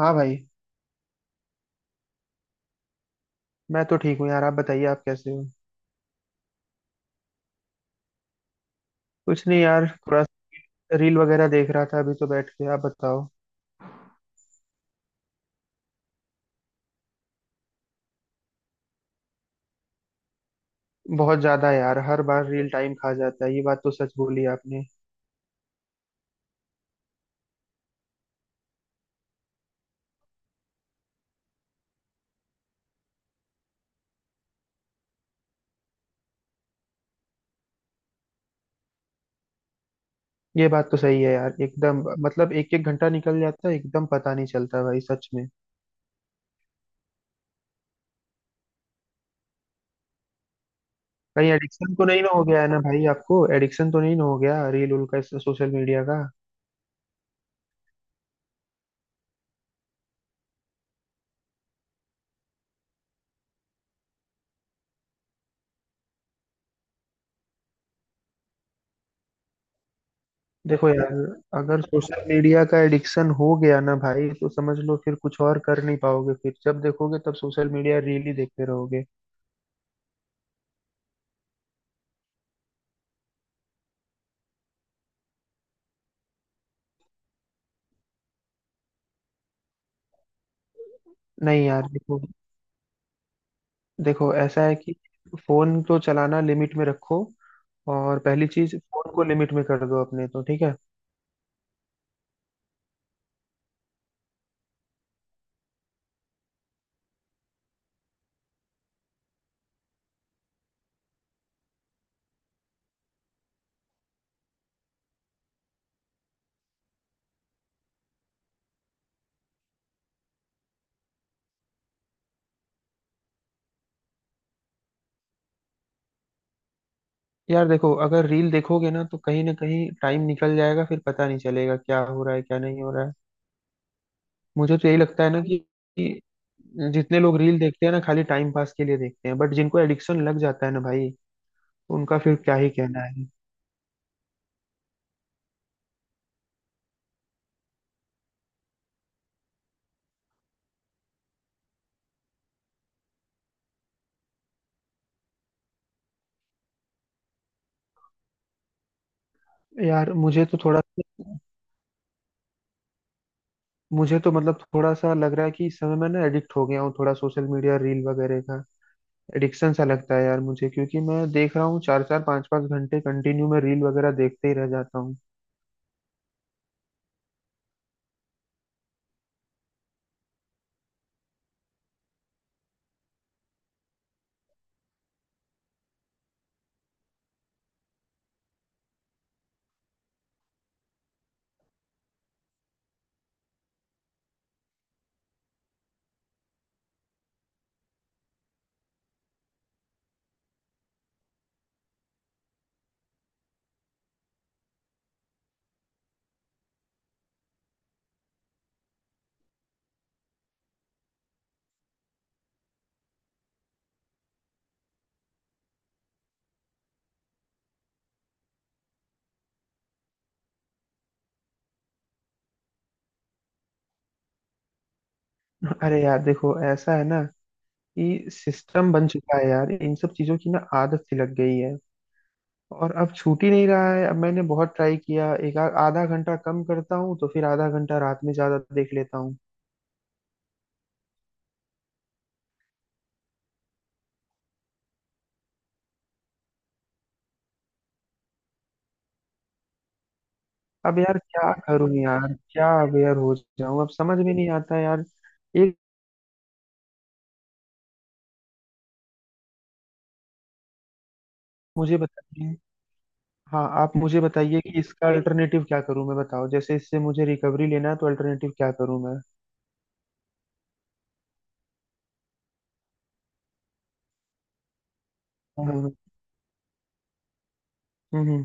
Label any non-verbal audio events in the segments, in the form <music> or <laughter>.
हाँ भाई। मैं तो ठीक हूँ यार, आप बताइए, आप कैसे हो? कुछ नहीं यार, थोड़ा रील वगैरह देख रहा था अभी तो बैठ के। आप बताओ। बहुत ज्यादा यार, हर बार रील टाइम खा जाता है। ये बात तो सच बोली आपने। ये बात तो सही है यार, एकदम, मतलब एक एक घंटा निकल जाता है, एकदम पता नहीं चलता भाई, सच में। कहीं एडिक्शन तो नहीं ना हो गया है ना भाई? आपको एडिक्शन तो नहीं ना हो गया रील उल का, सोशल मीडिया का? देखो यार, अगर सोशल मीडिया का एडिक्शन हो गया ना भाई, तो समझ लो फिर कुछ और कर नहीं पाओगे, फिर जब देखोगे तब सोशल मीडिया रील ही देखते रहोगे। नहीं यार देखो, देखो ऐसा है कि फोन को चलाना लिमिट में रखो। और पहली चीज, फोन को लिमिट में कर दो अपने तो ठीक है। यार देखो, अगर रील देखोगे ना तो कहीं ना कहीं टाइम निकल जाएगा, फिर पता नहीं चलेगा क्या हो रहा है क्या नहीं हो रहा है। मुझे तो यही लगता है ना कि जितने लोग रील देखते हैं ना, खाली टाइम पास के लिए देखते हैं, बट जिनको एडिक्शन लग जाता है ना भाई, तो उनका फिर क्या ही कहना है। यार मुझे तो थोड़ा, मुझे तो मतलब थोड़ा सा लग रहा है कि इस समय मैं ना एडिक्ट हो गया हूँ थोड़ा, सोशल मीडिया रील वगैरह का। एडिक्शन सा लगता है यार मुझे, क्योंकि मैं देख रहा हूँ चार चार पांच पांच घंटे कंटिन्यू में रील वगैरह देखते ही रह जाता हूँ। <laughs> अरे यार देखो, ऐसा है ना कि सिस्टम बन चुका है यार, इन सब चीजों की ना आदत सी लग गई है। और अब छूट ही नहीं रहा है। अब मैंने बहुत ट्राई किया, एक आधा घंटा कम करता हूँ तो फिर आधा घंटा रात में ज्यादा देख लेता हूँ। अब यार क्या करूँ यार, क्या अवेयर हो जाऊं? अब समझ में नहीं आता यार। एक, मुझे बताइए। हाँ आप मुझे बताइए कि इसका अल्टरनेटिव क्या करूं मैं, बताओ। जैसे इससे मुझे रिकवरी लेना है, तो अल्टरनेटिव क्या करूं मैं? हम्म। हम्म। हम्म।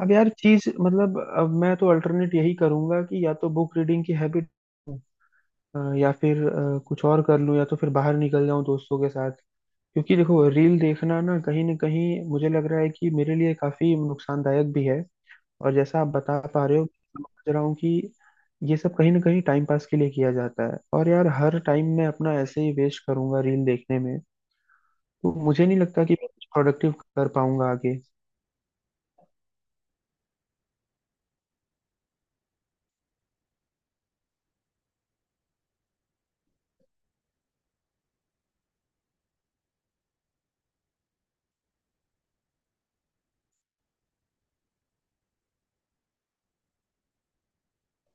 अब यार चीज, मतलब अब मैं तो अल्टरनेट यही करूंगा कि या तो बुक रीडिंग की हैबिट, या फिर कुछ और कर लूं, या तो फिर बाहर निकल जाऊं दोस्तों के साथ। क्योंकि देखो रील देखना ना कहीं मुझे लग रहा है कि मेरे लिए काफी नुकसानदायक भी है। और जैसा आप बता पा रहे हो समझ रहा हूँ कि ये सब कहीं ना कहीं टाइम पास के लिए किया जाता है, और यार हर टाइम मैं अपना ऐसे ही वेस्ट करूंगा रील देखने में, तो मुझे नहीं लगता कि मैं कुछ प्रोडक्टिव कर पाऊंगा आगे।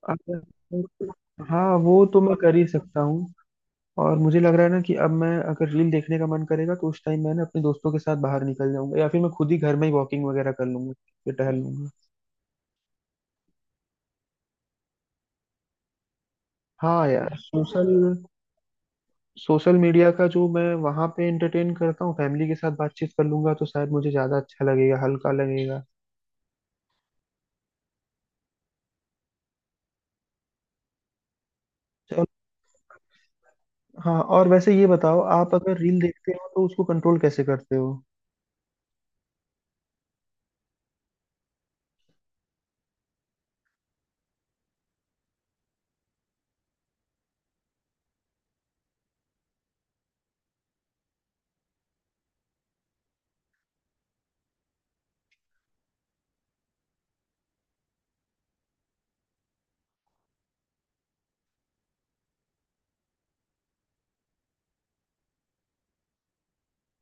हाँ, वो तो मैं कर ही सकता हूँ। और मुझे लग रहा है ना कि अब मैं, अगर रील देखने का मन करेगा तो उस टाइम मैं ना अपने दोस्तों के साथ बाहर निकल जाऊंगा, या फिर मैं खुद ही घर में ही वॉकिंग वगैरह कर लूंगा, फिर टहल लूंगा। हाँ यार, सोशल सोशल मीडिया का जो मैं वहां पे एंटरटेन करता हूँ, फैमिली के साथ बातचीत कर लूंगा तो शायद मुझे ज्यादा अच्छा लगेगा, हल्का लगेगा। चलो। हाँ, और वैसे ये बताओ, आप अगर रील देखते हो तो उसको कंट्रोल कैसे करते हो?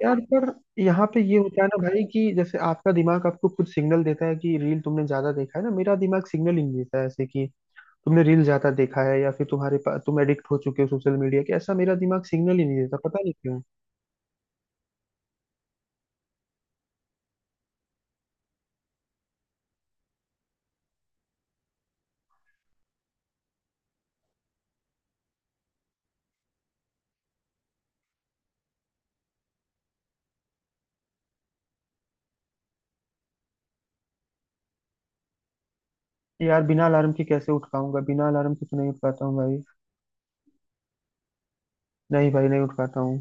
यार पर यहाँ पे ये होता है ना भाई कि जैसे आपका दिमाग आपको खुद सिग्नल देता है कि रील तुमने ज्यादा देखा है ना, मेरा दिमाग सिग्नल ही नहीं देता है ऐसे कि तुमने रील ज्यादा देखा है, या फिर तुम्हारे पास, तुम एडिक्ट हो चुके हो सोशल मीडिया के। ऐसा मेरा दिमाग सिग्नल ही नहीं देता, पता नहीं क्यों। यार बिना अलार्म के कैसे उठ पाऊंगा? बिना अलार्म के तो नहीं उठ पाता हूँ भाई। नहीं भाई, नहीं उठ पाता हूँ।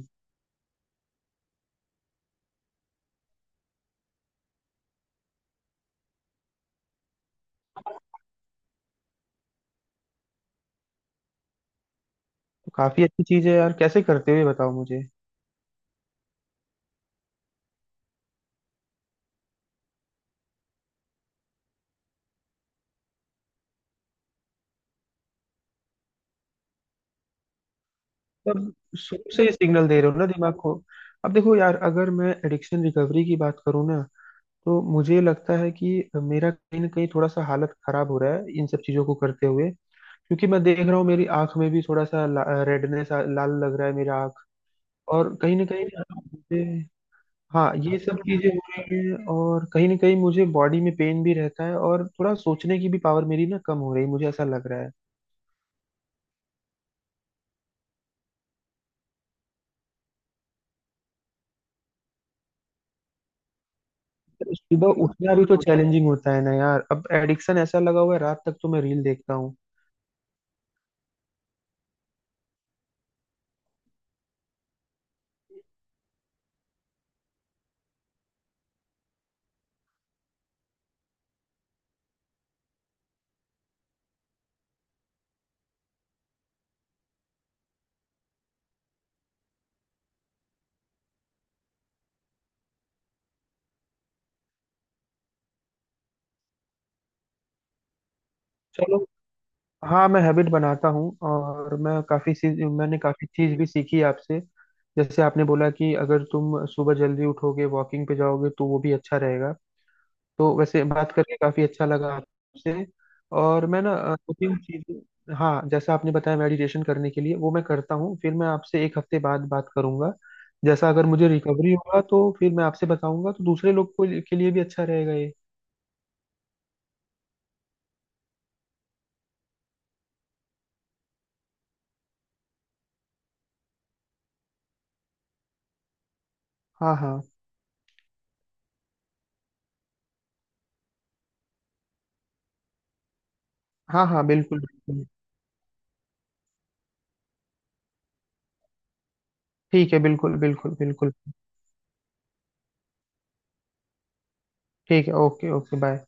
काफी अच्छी चीज है यार, कैसे करते हो ये बताओ मुझे। तब, शुरू से ही सिग्नल दे रहे हो ना दिमाग को। अब देखो यार, अगर मैं एडिक्शन रिकवरी की बात करूँ ना, तो मुझे लगता है कि मेरा कहीं ना कहीं थोड़ा सा हालत खराब हो रहा है इन सब चीजों को करते हुए। क्योंकि मैं देख रहा हूँ मेरी आंख में भी थोड़ा सा रेडनेस, लाल लग रहा है मेरा आंख। और कहीं ना कहीं ना, मुझे, हाँ ये सब चीजें हो रही हैं और कहीं ना कहीं मुझे बॉडी में पेन भी रहता है, और थोड़ा सोचने की भी पावर मेरी ना कम हो रही है, मुझे ऐसा लग रहा है। सुबह उठना भी तो चैलेंजिंग होता है ना यार, अब एडिक्शन ऐसा लगा हुआ है रात तक तो मैं रील देखता हूँ। चलो, हाँ मैं हैबिट बनाता हूँ, और मैं काफी चीज, मैंने काफी चीज भी सीखी आपसे। जैसे आपने बोला कि अगर तुम सुबह जल्दी उठोगे, वॉकिंग पे जाओगे, तो वो भी अच्छा रहेगा। तो वैसे बात करके काफी अच्छा लगा आपसे। और मैं ना दो तीन चीजें, हाँ जैसा आपने बताया मेडिटेशन करने के लिए वो मैं करता हूँ, फिर मैं आपसे एक हफ्ते बाद बात करूंगा। जैसा अगर मुझे रिकवरी होगा तो फिर मैं आपसे बताऊंगा, तो दूसरे लोग को के लिए भी अच्छा रहेगा ये। हाँ हाँ। हाँ हाँ, बिल्कुल बिल्कुल। ठीक है, बिल्कुल बिल्कुल बिल्कुल। ठीक है, ओके ओके बाय।